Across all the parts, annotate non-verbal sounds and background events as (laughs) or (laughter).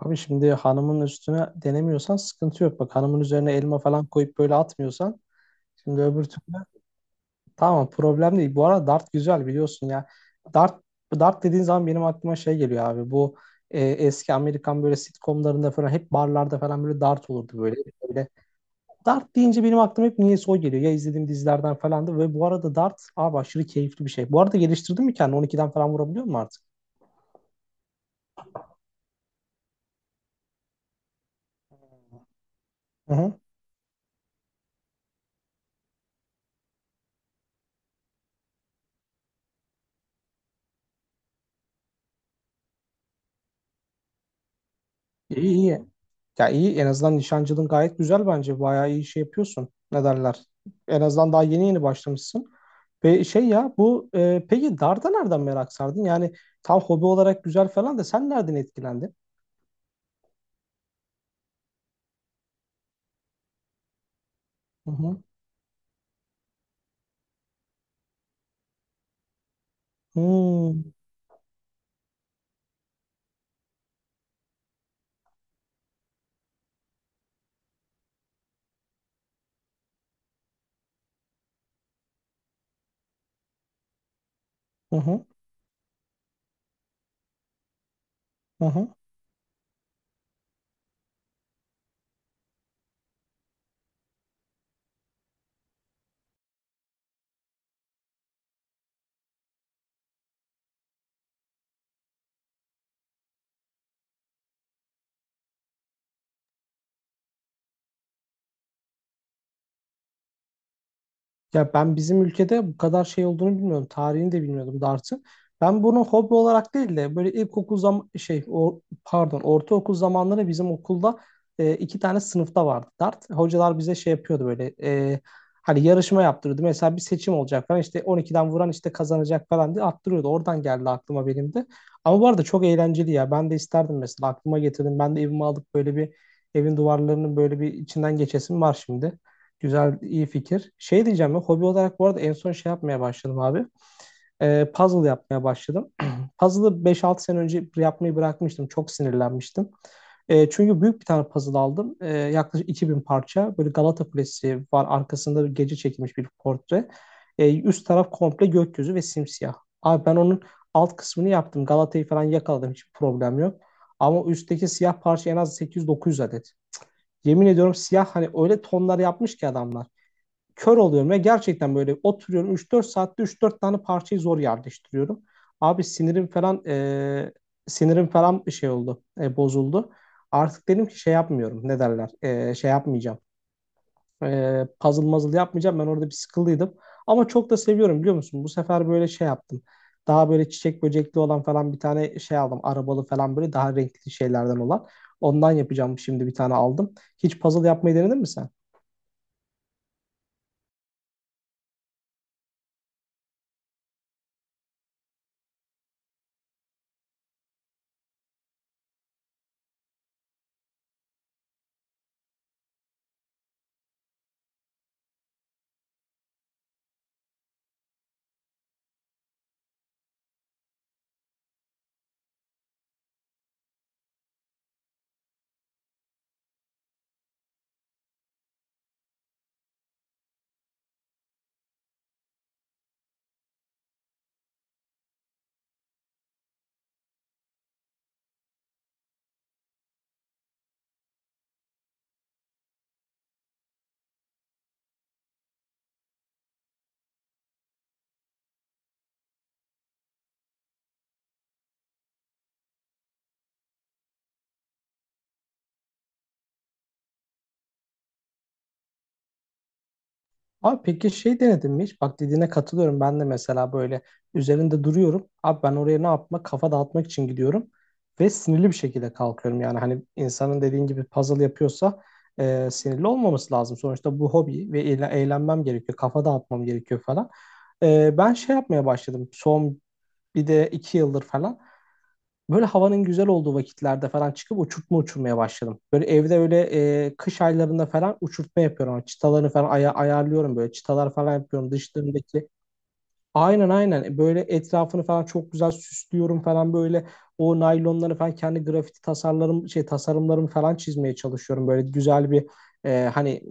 Abi şimdi hanımın üstüne denemiyorsan sıkıntı yok. Bak hanımın üzerine elma falan koyup böyle atmıyorsan şimdi öbür türlü tamam problem değil. Bu arada dart güzel biliyorsun ya. Dart dart dediğin zaman benim aklıma şey geliyor abi. Bu eski Amerikan böyle sitcomlarında falan hep barlarda falan böyle dart olurdu böyle. böyle. Dart deyince benim aklıma hep niyeyse o geliyor. Ya izlediğim dizilerden falandı ve bu arada dart abi aşırı keyifli bir şey. Bu arada geliştirdin mi kendini? 12'den falan vurabiliyor musun artık? Hı hı. İyi iyi. Ya iyi en azından nişancılığın gayet güzel bence. Bayağı iyi şey yapıyorsun. Ne derler? En azından daha yeni yeni başlamışsın. Ve şey ya bu peki darda nereden merak sardın? Yani tam hobi olarak güzel falan da sen nereden etkilendin? Hı hı. Hmm. Hı hı. Hı hı. Ya ben bizim ülkede bu kadar şey olduğunu bilmiyordum. Tarihini de bilmiyordum dartın. Ben bunu hobi olarak değil de böyle ilkokul zam şey o pardon ortaokul zamanları bizim okulda iki tane sınıfta vardı dart. Hocalar bize şey yapıyordu böyle hani yarışma yaptırıyordu. Mesela bir seçim olacak falan işte 12'den vuran işte kazanacak falan diye attırıyordu. Oradan geldi aklıma benim de. Ama bu arada çok eğlenceli ya. Ben de isterdim mesela aklıma getirdim. Ben de evime alıp böyle bir evin duvarlarının böyle bir içinden geçesim var şimdi. Güzel, iyi fikir. Şey diyeceğim ya, hobi olarak bu arada en son şey yapmaya başladım abi. Puzzle yapmaya başladım. (clears throat) Puzzle'ı 5-6 sene önce yapmayı bırakmıştım. Çok sinirlenmiştim. Çünkü büyük bir tane puzzle aldım. Yaklaşık 2 bin parça. Böyle Galata Kulesi var. Arkasında bir gece çekilmiş bir portre. Üst taraf komple gökyüzü ve simsiyah. Abi ben onun alt kısmını yaptım. Galata'yı falan yakaladım. Hiçbir problem yok. Ama üstteki siyah parça en az 800-900 adet. Yemin ediyorum siyah hani öyle tonlar yapmış ki adamlar kör oluyorum ve gerçekten böyle oturuyorum 3-4 saatte 3-4 tane parçayı zor yerleştiriyorum. Abi sinirim falan sinirim falan bir şey oldu, bozuldu. Artık dedim ki şey yapmıyorum, ne derler, şey yapmayacağım. Puzzle muzzle yapmayacağım. Ben orada bir sıkıldıydım. Ama çok da seviyorum biliyor musun? Bu sefer böyle şey yaptım. Daha böyle çiçek böcekli olan falan bir tane şey aldım. Arabalı falan böyle daha renkli şeylerden olan. Ondan yapacağım şimdi bir tane aldım. Hiç puzzle yapmayı denedin mi sen? Abi peki şey denedin mi hiç? Bak dediğine katılıyorum. Ben de mesela böyle üzerinde duruyorum. Abi ben oraya ne yapmak? Kafa dağıtmak için gidiyorum. Ve sinirli bir şekilde kalkıyorum. Yani hani insanın dediğin gibi puzzle yapıyorsa sinirli olmaması lazım. Sonuçta bu hobi ve eğlenmem gerekiyor. Kafa dağıtmam gerekiyor falan. Ben şey yapmaya başladım. Son bir de 2 yıldır falan. Böyle havanın güzel olduğu vakitlerde falan çıkıp uçurtma uçurmaya başladım. Böyle evde öyle kış aylarında falan uçurtma yapıyorum. Çıtalarını falan ayarlıyorum böyle. Çıtalar falan yapıyorum. Dışlarındaki. Aynen aynen. Böyle etrafını falan çok güzel süslüyorum falan böyle o naylonları falan kendi grafiti tasarlarım şey tasarımlarımı falan çizmeye çalışıyorum böyle güzel bir hani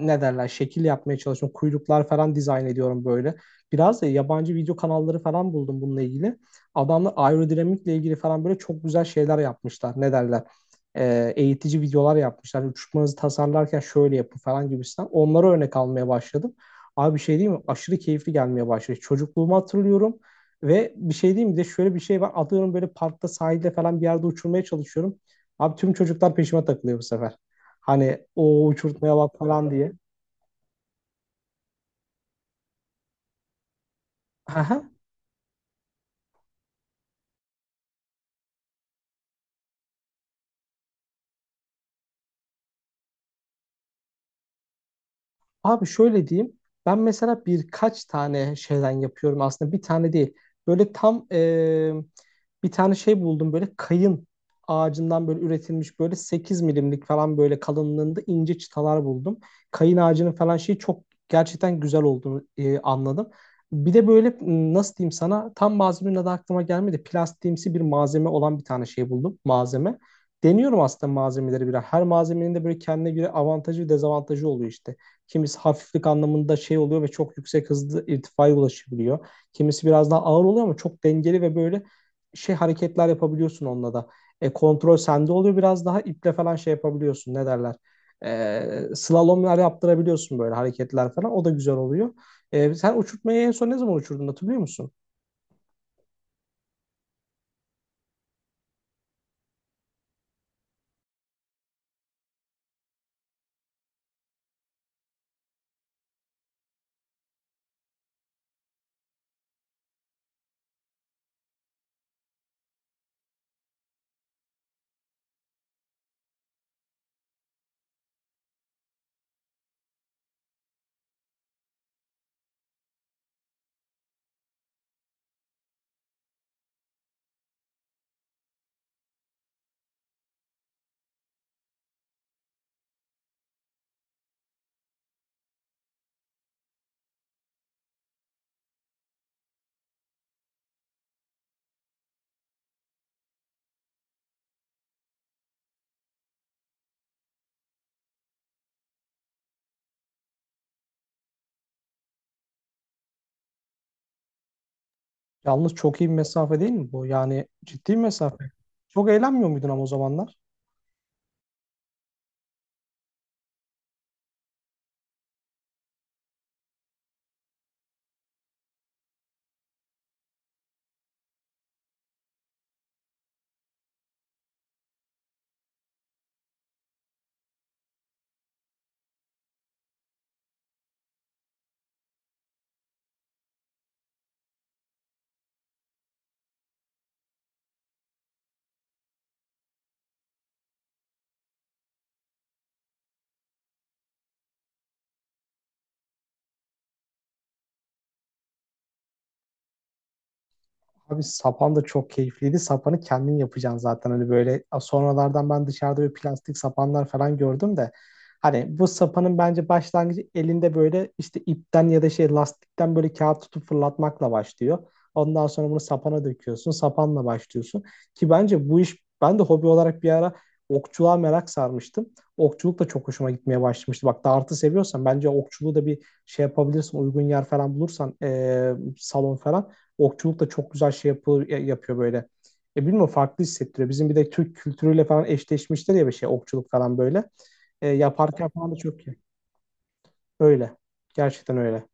ne derler şekil yapmaya çalışıyorum kuyruklar falan dizayn ediyorum böyle biraz da yabancı video kanalları falan buldum bununla ilgili adamlar aerodinamikle ilgili falan böyle çok güzel şeyler yapmışlar ne derler. Eğitici videolar yapmışlar uçmanızı tasarlarken şöyle yapın falan gibisinden onlara örnek almaya başladım. Abi bir şey diyeyim mi? Aşırı keyifli gelmeye başladı. Çocukluğumu hatırlıyorum ve bir şey diyeyim mi? Bir de şöyle bir şey var. Atıyorum böyle parkta sahilde falan bir yerde uçurmaya çalışıyorum. Abi tüm çocuklar peşime takılıyor bu sefer. Hani o uçurtmaya bak falan diye. (laughs) Abi şöyle diyeyim. Ben mesela birkaç tane şeyden yapıyorum aslında. Bir tane değil. Böyle tam bir tane şey buldum. Böyle kayın ağacından böyle üretilmiş böyle 8 mm'lik falan böyle kalınlığında ince çıtalar buldum. Kayın ağacının falan şeyi çok gerçekten güzel olduğunu anladım. Bir de böyle nasıl diyeyim sana tam malzemenin adı aklıma gelmedi. Plastiğimsi bir malzeme olan bir tane şey buldum. Malzeme. Deniyorum aslında malzemeleri biraz. Her malzemenin de böyle kendine göre avantajı ve dezavantajı oluyor işte. Kimisi hafiflik anlamında şey oluyor ve çok yüksek hızlı irtifaya ulaşabiliyor. Kimisi biraz daha ağır oluyor ama çok dengeli ve böyle şey hareketler yapabiliyorsun onunla da. Kontrol sende oluyor biraz daha iple falan şey yapabiliyorsun ne derler. Slalomlar yaptırabiliyorsun böyle hareketler falan o da güzel oluyor. Sen uçurtmayı en son ne zaman uçurdun hatırlıyor musun? Yalnız çok iyi bir mesafe değil mi bu? Yani ciddi bir mesafe. Çok eğlenmiyor muydun ama o zamanlar? Abi sapan da çok keyifliydi. Sapanı kendin yapacaksın zaten hani böyle sonralardan ben dışarıda böyle plastik sapanlar falan gördüm de hani bu sapanın bence başlangıcı elinde böyle işte ipten ya da şey lastikten böyle kağıt tutup fırlatmakla başlıyor. Ondan sonra bunu sapana döküyorsun. Sapanla başlıyorsun. Ki bence bu iş ben de hobi olarak bir ara okçuluğa merak sarmıştım. Okçuluk da çok hoşuma gitmeye başlamıştı. Bak dartı seviyorsan bence okçuluğu da bir şey yapabilirsin. Uygun yer falan bulursan salon falan okçuluk da çok güzel şey yapıyor, yapıyor böyle. Bilmiyorum farklı hissettiriyor. Bizim bir de Türk kültürüyle falan eşleşmiştir ya bir şey okçuluk falan böyle. Yaparken falan da çok iyi. Öyle. Gerçekten öyle.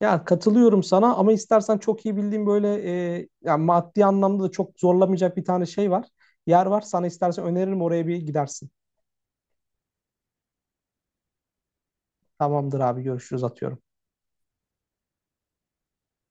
Ya katılıyorum sana ama istersen çok iyi bildiğim böyle ya maddi anlamda da çok zorlamayacak bir tane şey var. Yer var. Sana istersen öneririm oraya bir gidersin. Tamamdır abi görüşürüz atıyorum.